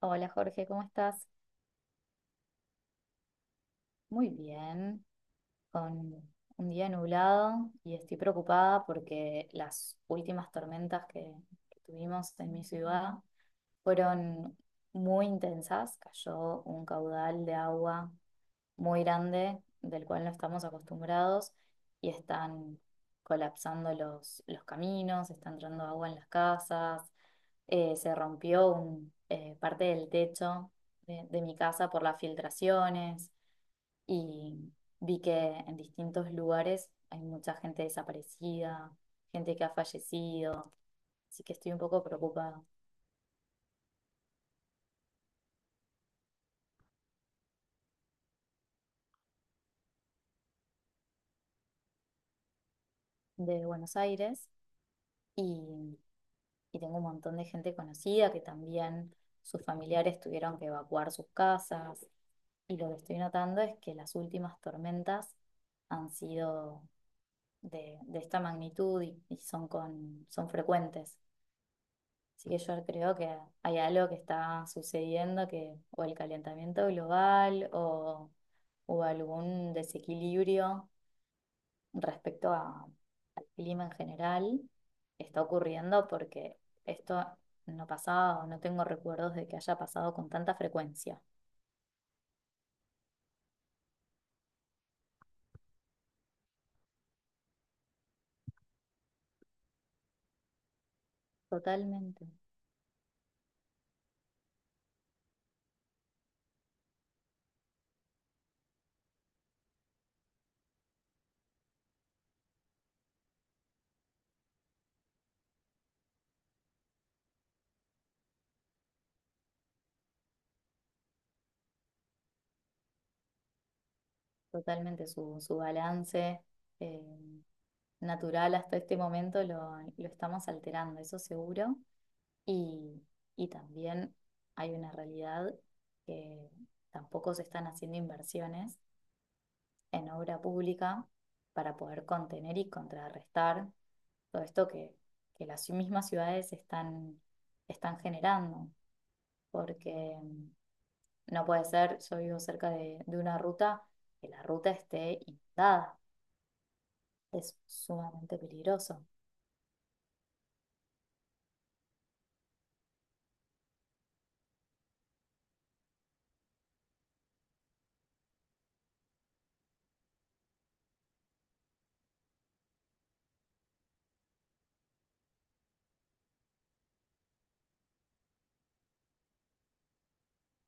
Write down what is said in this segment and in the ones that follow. Hola Jorge, ¿cómo estás? Muy bien, con un día nublado y estoy preocupada porque las últimas tormentas que tuvimos en mi ciudad fueron muy intensas. Cayó un caudal de agua muy grande del cual no estamos acostumbrados y están colapsando los caminos, está entrando agua en las casas, se rompió un, parte del techo de mi casa por las filtraciones. Y vi que en distintos lugares hay mucha gente desaparecida, gente que ha fallecido, así que estoy un poco preocupada. De Buenos Aires y, y tengo un montón de gente conocida que también sus familiares tuvieron que evacuar sus casas. Y lo que estoy notando es que las últimas tormentas han sido de esta magnitud y son, con, son frecuentes. Así que yo creo que hay algo que está sucediendo, que o el calentamiento global o algún desequilibrio respecto a- al clima en general está ocurriendo, porque esto no pasaba o no tengo recuerdos de que haya pasado con tanta frecuencia. Totalmente, totalmente su, su balance eh, natural. Hasta este momento lo estamos alterando, eso seguro. Y, y también hay una realidad que tampoco se están haciendo inversiones en obra pública para poder contener y contrarrestar todo esto que las mismas ciudades están, están generando, porque no puede ser, yo vivo cerca de una ruta, que la ruta esté inundada, es sumamente peligroso.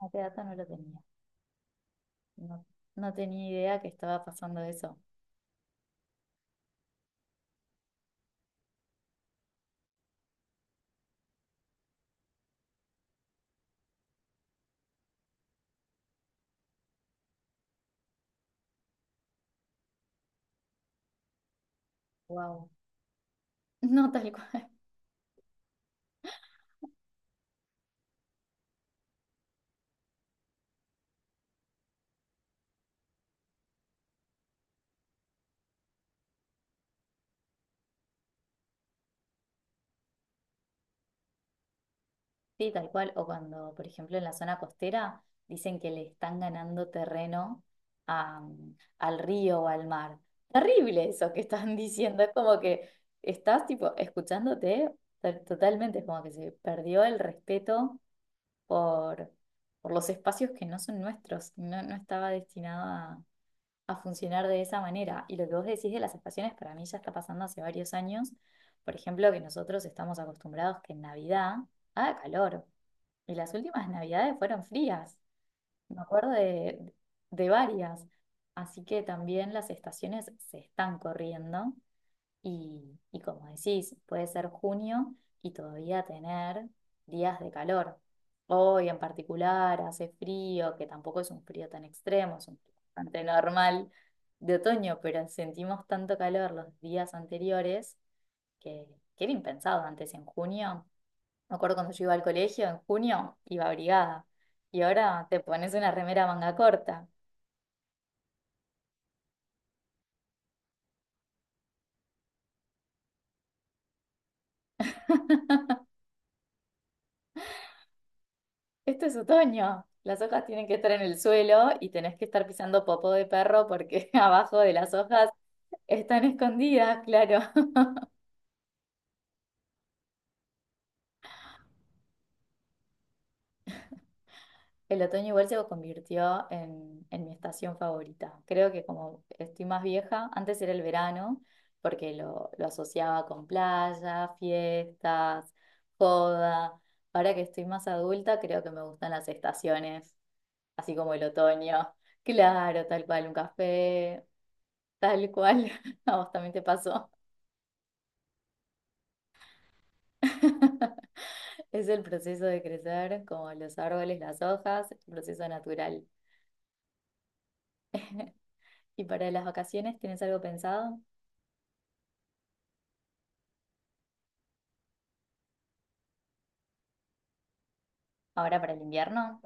A qué dato, no lo tenía, no, no tenía idea que estaba pasando eso. Wow, no, tal cual. Sí, tal cual. O cuando, por ejemplo, en la zona costera dicen que le están ganando terreno a- al río o al mar. Terrible eso que están diciendo. Es como que estás tipo escuchándote totalmente. Es como que se perdió el respeto por, por los espacios que no son nuestros. No, no estaba destinado a funcionar de esa manera. Y lo que vos decís de las estaciones, para mí ya está pasando hace varios años. Por ejemplo, que nosotros estamos acostumbrados que en Navidad haga calor. Y las últimas navidades fueron frías, me acuerdo de varias. Así que también las estaciones se están corriendo y como decís, puede ser junio y todavía tener días de calor. Hoy en particular hace frío, que tampoco es un frío tan extremo, es un frío bastante normal de otoño, pero sentimos tanto calor los días anteriores, que, que era impensado antes en junio. Me acuerdo cuando yo iba al colegio en junio, iba abrigada. Y ahora te pones una remera manga corta. Esto es otoño. Las hojas tienen que estar en el suelo y tenés que estar pisando popó de perro porque abajo de las hojas están escondidas, claro. El otoño igual se convirtió en mi estación favorita. Creo que como estoy más vieja, antes era el verano, porque lo asociaba con playa, fiestas, joda. Ahora que estoy más adulta, creo que me gustan las estaciones, así como el otoño. Claro, tal cual, un café, tal cual. A vos también te pasó. Es el proceso de crecer, como los árboles, las hojas, el proceso natural. ¿Y para las vacaciones tienes algo pensado? Ahora para el invierno.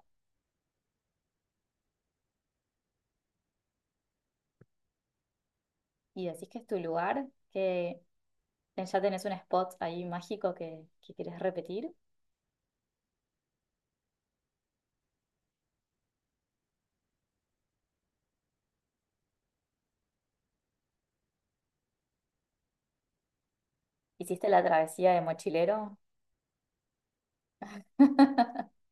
Y decís que es tu lugar, que ya tenés un spot ahí mágico que querés repetir. ¿Hiciste la travesía de mochilero?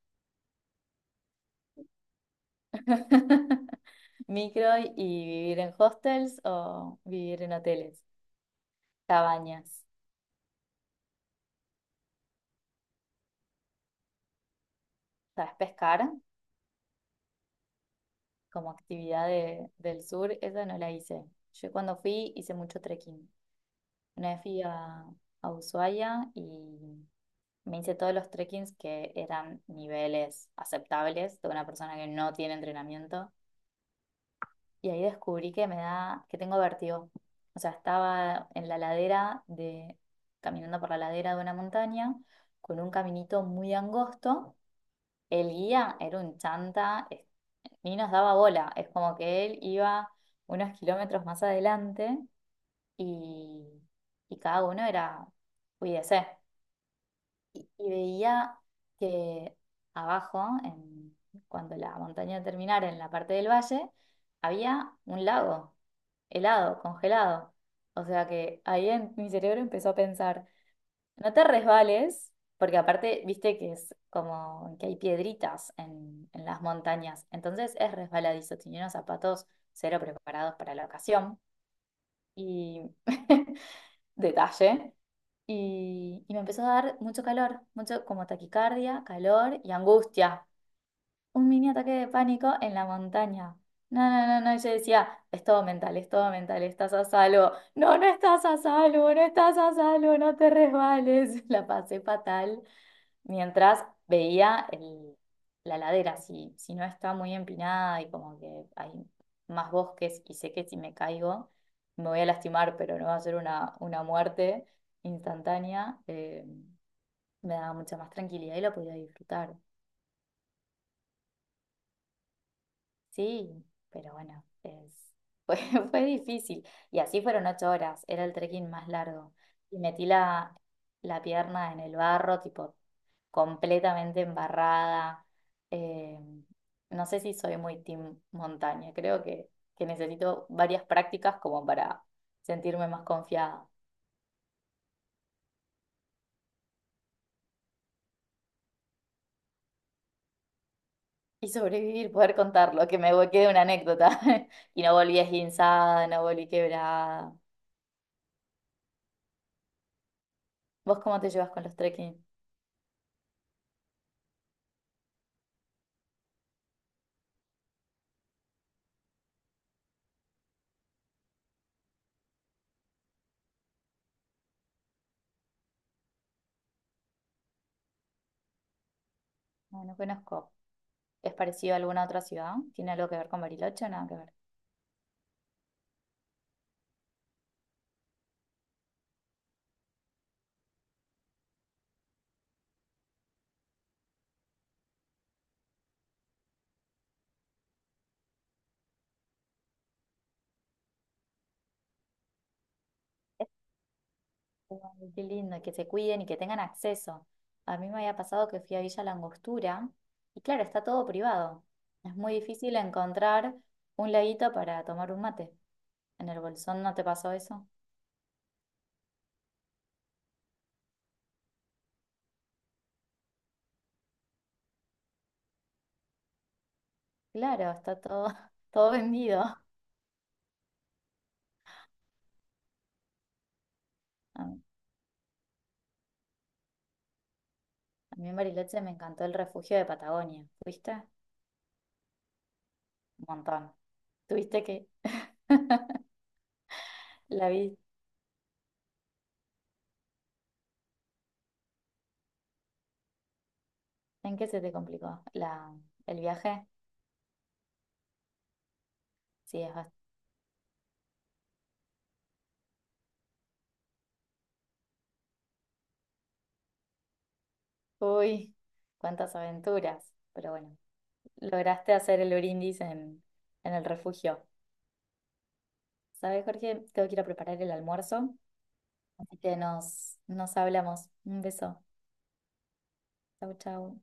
¿Micro y vivir en hostels o vivir en hoteles, cabañas? ¿Sabes pescar? Como actividad del sur, esa no la hice. Yo cuando fui hice mucho trekking. Una vez fui a Ushuaia y me hice todos los trekkings que eran niveles aceptables de una persona que no tiene entrenamiento. Y ahí descubrí que me da, que tengo vértigo. O sea, estaba en la ladera de, caminando por la ladera de una montaña con un caminito muy angosto. El guía era un chanta, ni nos daba bola. Es como que él iba unos kilómetros más adelante y, y cada uno era, cuídese. Y veía que abajo, en- cuando la montaña terminara en la parte del valle, había un lago helado, congelado. O sea que ahí en mi cerebro empezó a pensar. No te resbales, porque aparte, viste que es como que hay piedritas en las montañas, entonces es resbaladizo, tenía unos zapatos cero preparados para la ocasión y detalle. Y me empezó a dar mucho calor, mucho como taquicardia, calor y angustia. Un mini ataque de pánico en la montaña. No, no, no, no, y yo decía, es todo mental, estás a salvo. No, no estás a salvo, no estás a salvo, no te resbales. La pasé fatal mientras veía la ladera, si, si no está muy empinada y como que hay más bosques y sé que si me caigo me voy a lastimar, pero no va a ser una muerte instantánea, me daba mucha más tranquilidad y la podía disfrutar. Sí, pero bueno, es, fue, fue difícil. Y así fueron 8 horas, era el trekking más largo. Y metí la, la pierna en el barro, tipo completamente embarrada. eh, no sé si soy muy team montaña, creo que necesito varias prácticas como para sentirme más confiada y sobrevivir, poder contarlo, que me quede una anécdota. Y no volví esguinzada, no volví quebrada. ¿Vos cómo te llevas con los trekking? No, no conozco. ¿Es parecido a alguna otra ciudad? ¿Tiene algo que ver con Bariloche o nada que ver? Ay, qué lindo, y que se cuiden y que tengan acceso. A mí me había pasado que fui a Villa La Angostura y claro, está todo privado. Es muy difícil encontrar un laguito para tomar un mate. ¿En el Bolsón no te pasó eso? Claro, está todo, todo vendido. A mí, a mí en Bariloche me encantó el refugio de Patagonia. ¿Fuiste? Un montón. ¿Tuviste que la vi? ¿En qué se te complicó? ¿La, el viaje? Sí, es bast- Uy, cuántas aventuras. Pero bueno. Lograste hacer el brindis en el refugio. ¿Sabes, Jorge? Tengo que ir a preparar el almuerzo, así que nos, nos hablamos. Un beso. Chau, chau.